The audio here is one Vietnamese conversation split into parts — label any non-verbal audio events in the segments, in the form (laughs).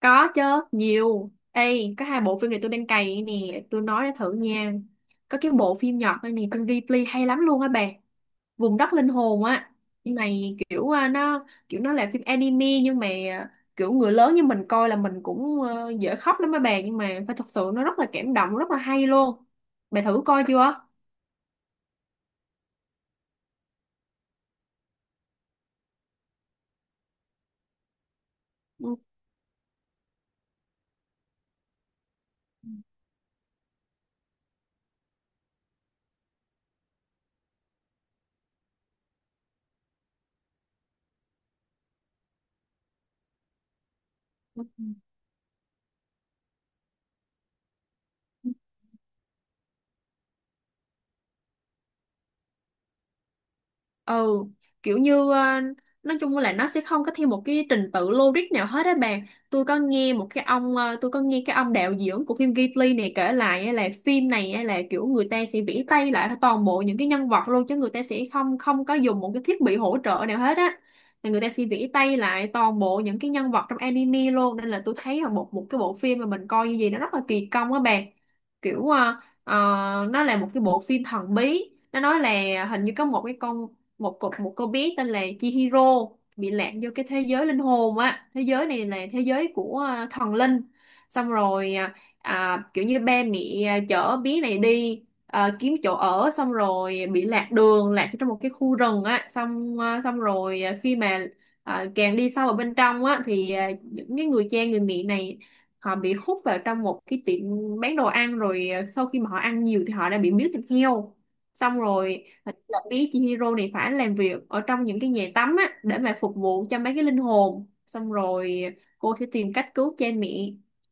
Có chứ, nhiều. Ê, có hai bộ phim này tôi đang cày nè, tôi nói để thử nha. Có cái bộ phim Nhật này nè, phim Ghibli hay lắm luôn á bà. Vùng đất linh hồn á. Phim này kiểu nó kiểu nó là phim anime nhưng mà kiểu người lớn như mình coi là mình cũng dễ khóc lắm á bà, nhưng mà phải thật sự nó rất là cảm động, rất là hay luôn. Bà thử coi chưa? Ừ. Ừ, kiểu như nói chung là nó sẽ không có theo một cái trình tự logic nào hết á bạn. Tôi có nghe một cái ông tôi có nghe cái ông đạo diễn của phim Ghibli này kể lại á, là phim này á là kiểu người ta sẽ vẽ tay lại toàn bộ những cái nhân vật luôn, chứ người ta sẽ không không có dùng một cái thiết bị hỗ trợ nào hết á, là người ta sẽ vẽ tay lại toàn bộ những cái nhân vật trong anime luôn, nên là tôi thấy là một một cái bộ phim mà mình coi như gì nó rất là kỳ công á bạn. Kiểu nó là một cái bộ phim thần bí, nó nói là hình như có một cái con một cục một cô bé tên là Chihiro bị lạc vô cái thế giới linh hồn á, thế giới này là thế giới của thần linh. Xong rồi kiểu như ba mẹ chở bé này đi kiếm chỗ ở, xong rồi bị lạc đường lạc trong một cái khu rừng á, xong xong rồi khi mà càng đi sâu vào bên trong á thì những cái người cha người mẹ này họ bị hút vào trong một cái tiệm bán đồ ăn, rồi sau khi mà họ ăn nhiều thì họ đã bị miếu thịt heo, xong rồi hình như là bé Chihiro này phải làm việc ở trong những cái nhà tắm á để mà phục vụ cho mấy cái linh hồn, xong rồi cô sẽ tìm cách cứu cha mẹ,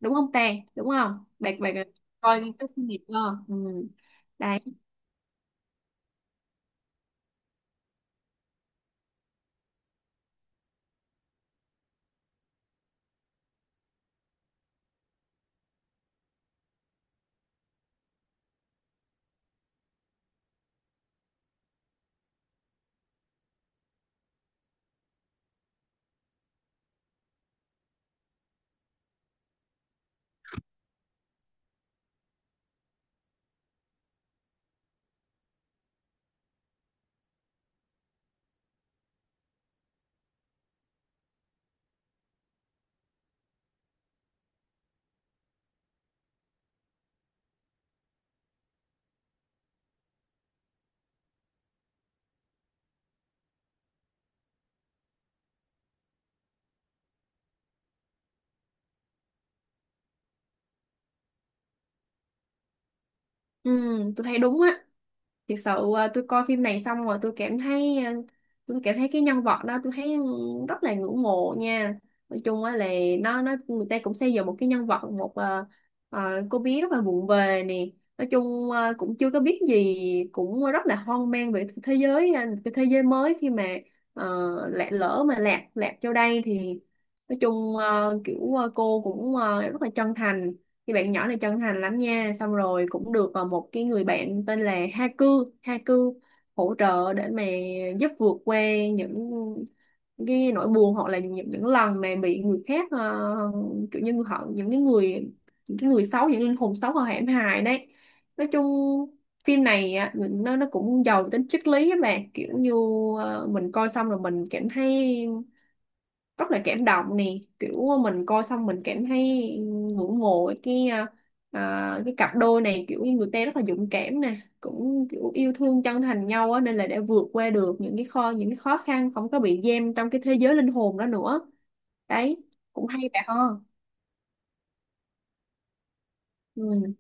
đúng không ta, đúng không bạn bạn coi cái kinh nghiệm đó. Ừ. Đấy. Ừ, tôi thấy đúng á. Thực sự tôi coi phim này xong rồi tôi cảm thấy tôi cảm thấy cái nhân vật đó tôi thấy rất là ngưỡng mộ nha. Nói chung á là nó người ta cũng xây dựng một cái nhân vật, một ờ, cô bé rất là vụng về nè, nói chung cũng chưa có biết gì, cũng rất là hoang mang về thế giới cái thế giới mới, khi mà ờ, lạc lỡ mà lạc lạc vô đây thì nói chung kiểu cô cũng rất là chân thành. Thì bạn nhỏ này chân thành lắm nha, xong rồi cũng được một cái người bạn tên là Haku. Haku Hỗ trợ để mà giúp vượt qua những cái nỗi buồn, hoặc là những lần mà bị người khác kiểu như họ, những cái người, những cái người xấu, những linh hồn xấu họ hãm hại. Đấy. Nói chung phim này á, nó cũng giàu tính triết lý các bạn, kiểu như mình coi xong rồi mình cảm thấy rất là cảm động nè, kiểu mình coi xong mình cảm thấy ngưỡng mộ cái cái cặp đôi này, kiểu như người ta rất là dũng cảm nè, cũng kiểu yêu thương chân thành nhau á, nên là đã vượt qua được những cái kho những cái khó khăn, không có bị giam trong cái thế giới linh hồn đó nữa. Đấy, cũng hay bà ho. Ừ.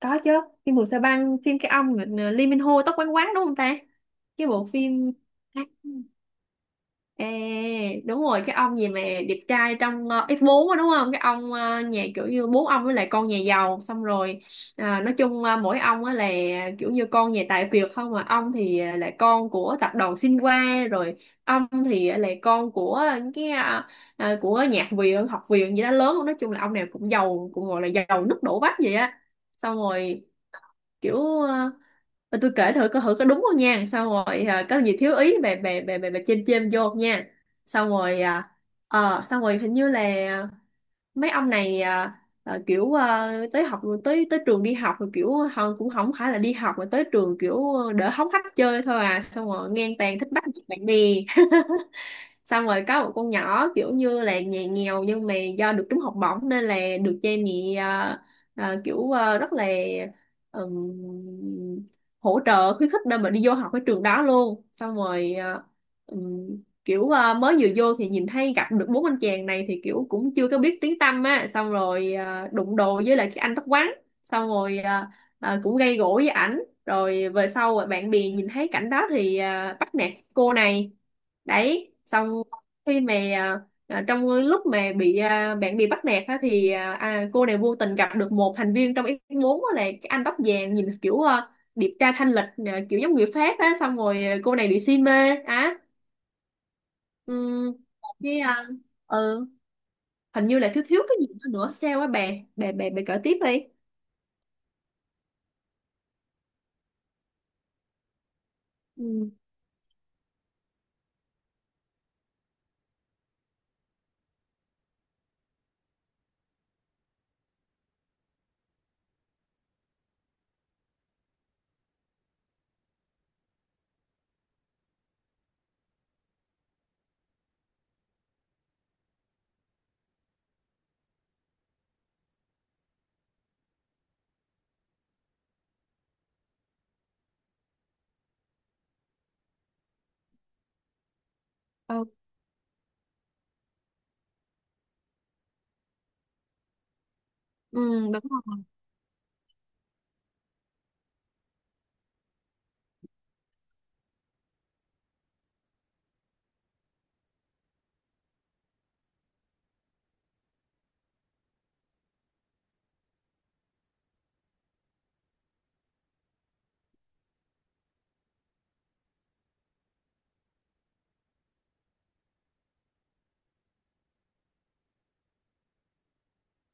Có chứ, phim Mùa Sa Băng, phim cái ông là Lee Min Ho tóc quăn quắn đúng không ta, cái bộ phim. Ê, đúng rồi, cái ông gì mà đẹp trai trong X4 á, đúng không, cái ông nhà kiểu như bố ông với lại con nhà giàu xong rồi nói chung mỗi ông á là kiểu như con nhà tài phiệt không, mà ông thì là con của tập đoàn Shinhwa rồi, ông thì là con của cái của nhạc viện học viện gì đó lớn, nói chung là ông nào cũng giàu, cũng gọi là giàu nứt đổ vách vậy á. Xong rồi kiểu ờ, mà tôi kể thử coi thử có đúng không nha, xong rồi có gì thiếu ý bà, chêm chêm vô nha. Xong rồi xong rồi hình như là mấy ông này kiểu tới học tới tới trường đi học, rồi kiểu họ cũng không phải là đi học mà tới trường, kiểu đỡ hóng hách chơi thôi à, xong rồi ngang tàn thích bắt nạt bạn bè. (laughs) Xong rồi có một con nhỏ kiểu như là nhà nghèo, nhưng mà do được trúng học bổng nên là được cha mẹ kiểu rất là ừm, hỗ trợ khuyến khích để mà đi vô học cái trường đó luôn, xong rồi ừm, kiểu mới vừa vô thì nhìn thấy gặp được bốn anh chàng này, thì kiểu cũng chưa có biết tiếng tăm á, xong rồi đụng đồ với lại cái anh tóc quắn, xong rồi cũng gây gổ với ảnh, rồi về sau bạn bè nhìn thấy cảnh đó thì bắt nạt cô này. Đấy, xong khi mà trong lúc mà bị bạn bị bắt nạt á, thì cô này vô tình gặp được một thành viên trong F4 á, là cái anh tóc vàng nhìn kiểu điệp tra thanh lịch, kiểu giống người Pháp á, xong rồi cô này bị si mê á. Ừm, cái ừ, hình như là thiếu thiếu cái gì đó nữa sao á bà, bà kể tiếp đi. Ừ. Ừ, ừ, đúng rồi.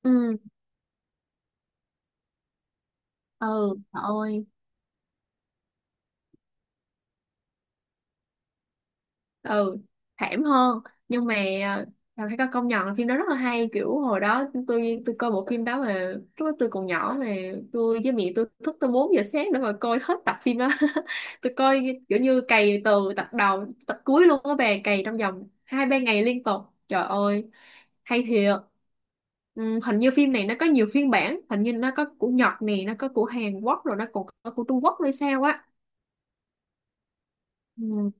Ừ, ừ, trời ơi. Ừ, thảm hơn, nhưng mà phải có công nhận là phim đó rất là hay, kiểu hồi đó tôi coi bộ phim đó mà lúc đó tôi còn nhỏ, mà tôi với mẹ tôi thức tới 4 giờ sáng để mà coi hết tập phim đó. (laughs) Tôi coi kiểu như cày từ tập đầu tập cuối luôn á bà, cày trong vòng hai ba ngày liên tục. Trời ơi, hay thiệt. Ừ, hình như phim này nó có nhiều phiên bản, hình như nó có của Nhật nè, nó có của Hàn Quốc, rồi nó còn có của Trung Quốc hay sao á. Ừ.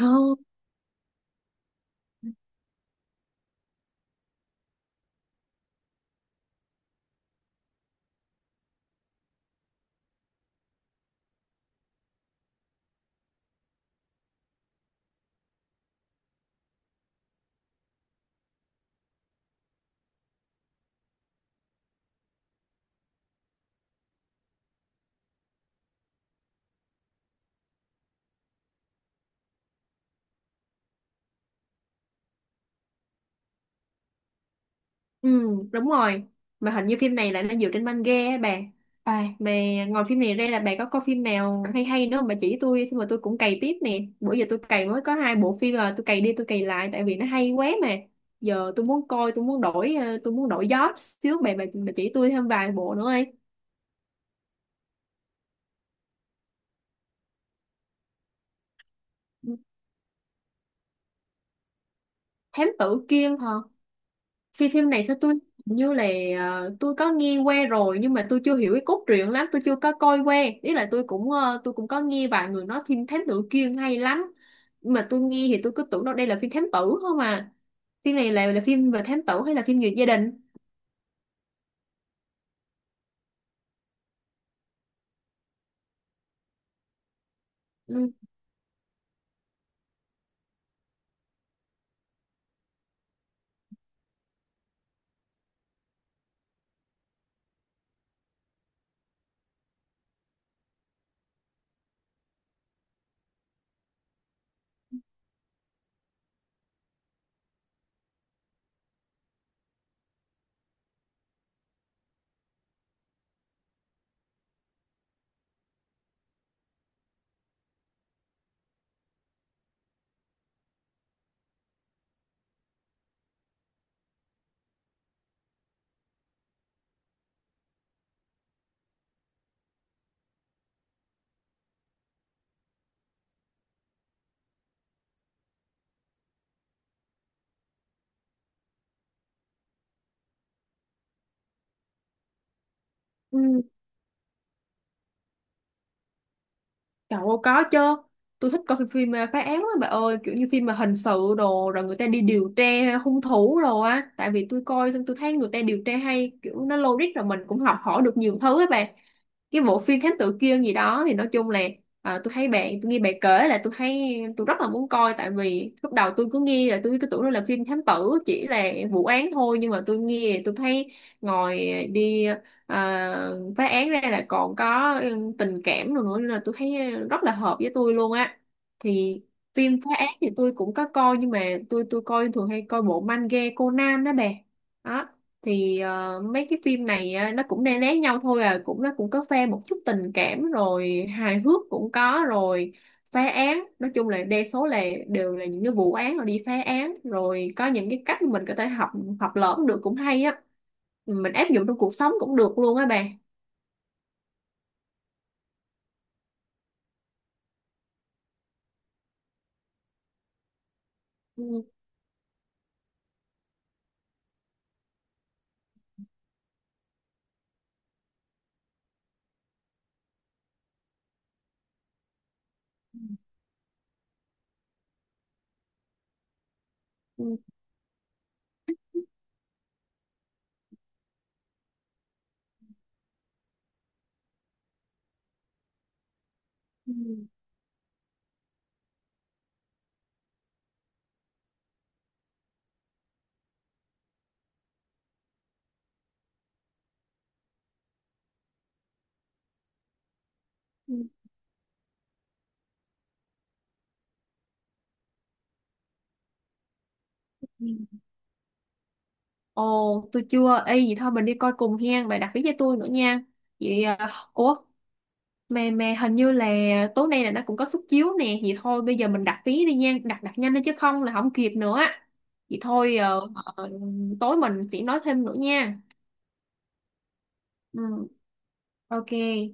Ồ. Ừ, đúng rồi. Mà hình như phim này lại nó dựa trên manga á bà. À, mà ngoài phim này ra là bà có coi phim nào hay hay nữa không? Bà chỉ tôi xong rồi tôi cũng cày tiếp nè. Bữa giờ tôi cày mới có hai bộ phim là tôi cày đi tôi cày lại tại vì nó hay quá mà. Giờ tôi muốn coi, tôi muốn đổi tôi muốn đổi gió xíu bà, bà chỉ tôi thêm vài bộ nữa đi. Thám tử Kiên hả? Phim phim này sao tôi hình như là tôi có nghe qua rồi, nhưng mà tôi chưa hiểu cái cốt truyện lắm, tôi chưa có coi qua. Ý là tôi cũng tôi cũng có nghe vài người nói phim thám tử kia hay lắm. Nhưng mà tôi nghe thì tôi cứ tưởng đâu đây là phim thám tử không à. Phim này là phim về thám tử hay là phim về gia đình? Ừ. Ừ. Trời ơi, có chứ. Tôi thích coi phim, phim phá án lắm bà ơi, kiểu như phim mà hình sự đồ, rồi người ta đi điều tra hung thủ rồi á, tại vì tôi coi xong tôi thấy người ta điều tra hay, kiểu nó logic, rồi mình cũng học hỏi được nhiều thứ ấy bà. Cái bộ phim Thám Tử Kiên gì đó thì nói chung là tôi thấy bạn, tôi nghe bạn kể là tôi thấy tôi rất là muốn coi, tại vì lúc đầu tôi cứ nghe là tôi cứ tưởng nó là phim thám tử chỉ là vụ án thôi, nhưng mà tôi nghe tôi thấy ngồi đi à, phá án ra là còn có ừ, tình cảm rồi nữa, nên là tôi thấy rất là hợp với tôi luôn á. Thì phim phá án thì tôi cũng có coi, nhưng mà tôi coi thường hay coi bộ manga Conan đó bà. Đó thì mấy cái phim này nó cũng né né nhau thôi à, cũng nó cũng có pha một chút tình cảm, rồi hài hước cũng có, rồi phá án nói chung là đa số là đều là những cái vụ án, rồi đi phá án, rồi có những cái cách mình có thể học học lỏm được cũng hay á, mình áp dụng trong cuộc sống cũng được luôn á bà. Ừ, ừ, ừ, ừ, ừ. Ồ, tôi chưa y, vậy thôi mình đi coi cùng hen bà, đặt vé cho tôi nữa nha. Vậy ủa, mà hình như là tối nay là nó cũng có suất chiếu nè, vậy thôi bây giờ mình đặt vé đi nha, đặt đặt nhanh đi chứ không là không kịp nữa. Vậy thôi ờ, tối mình sẽ nói thêm nữa nha. Ừ, ok.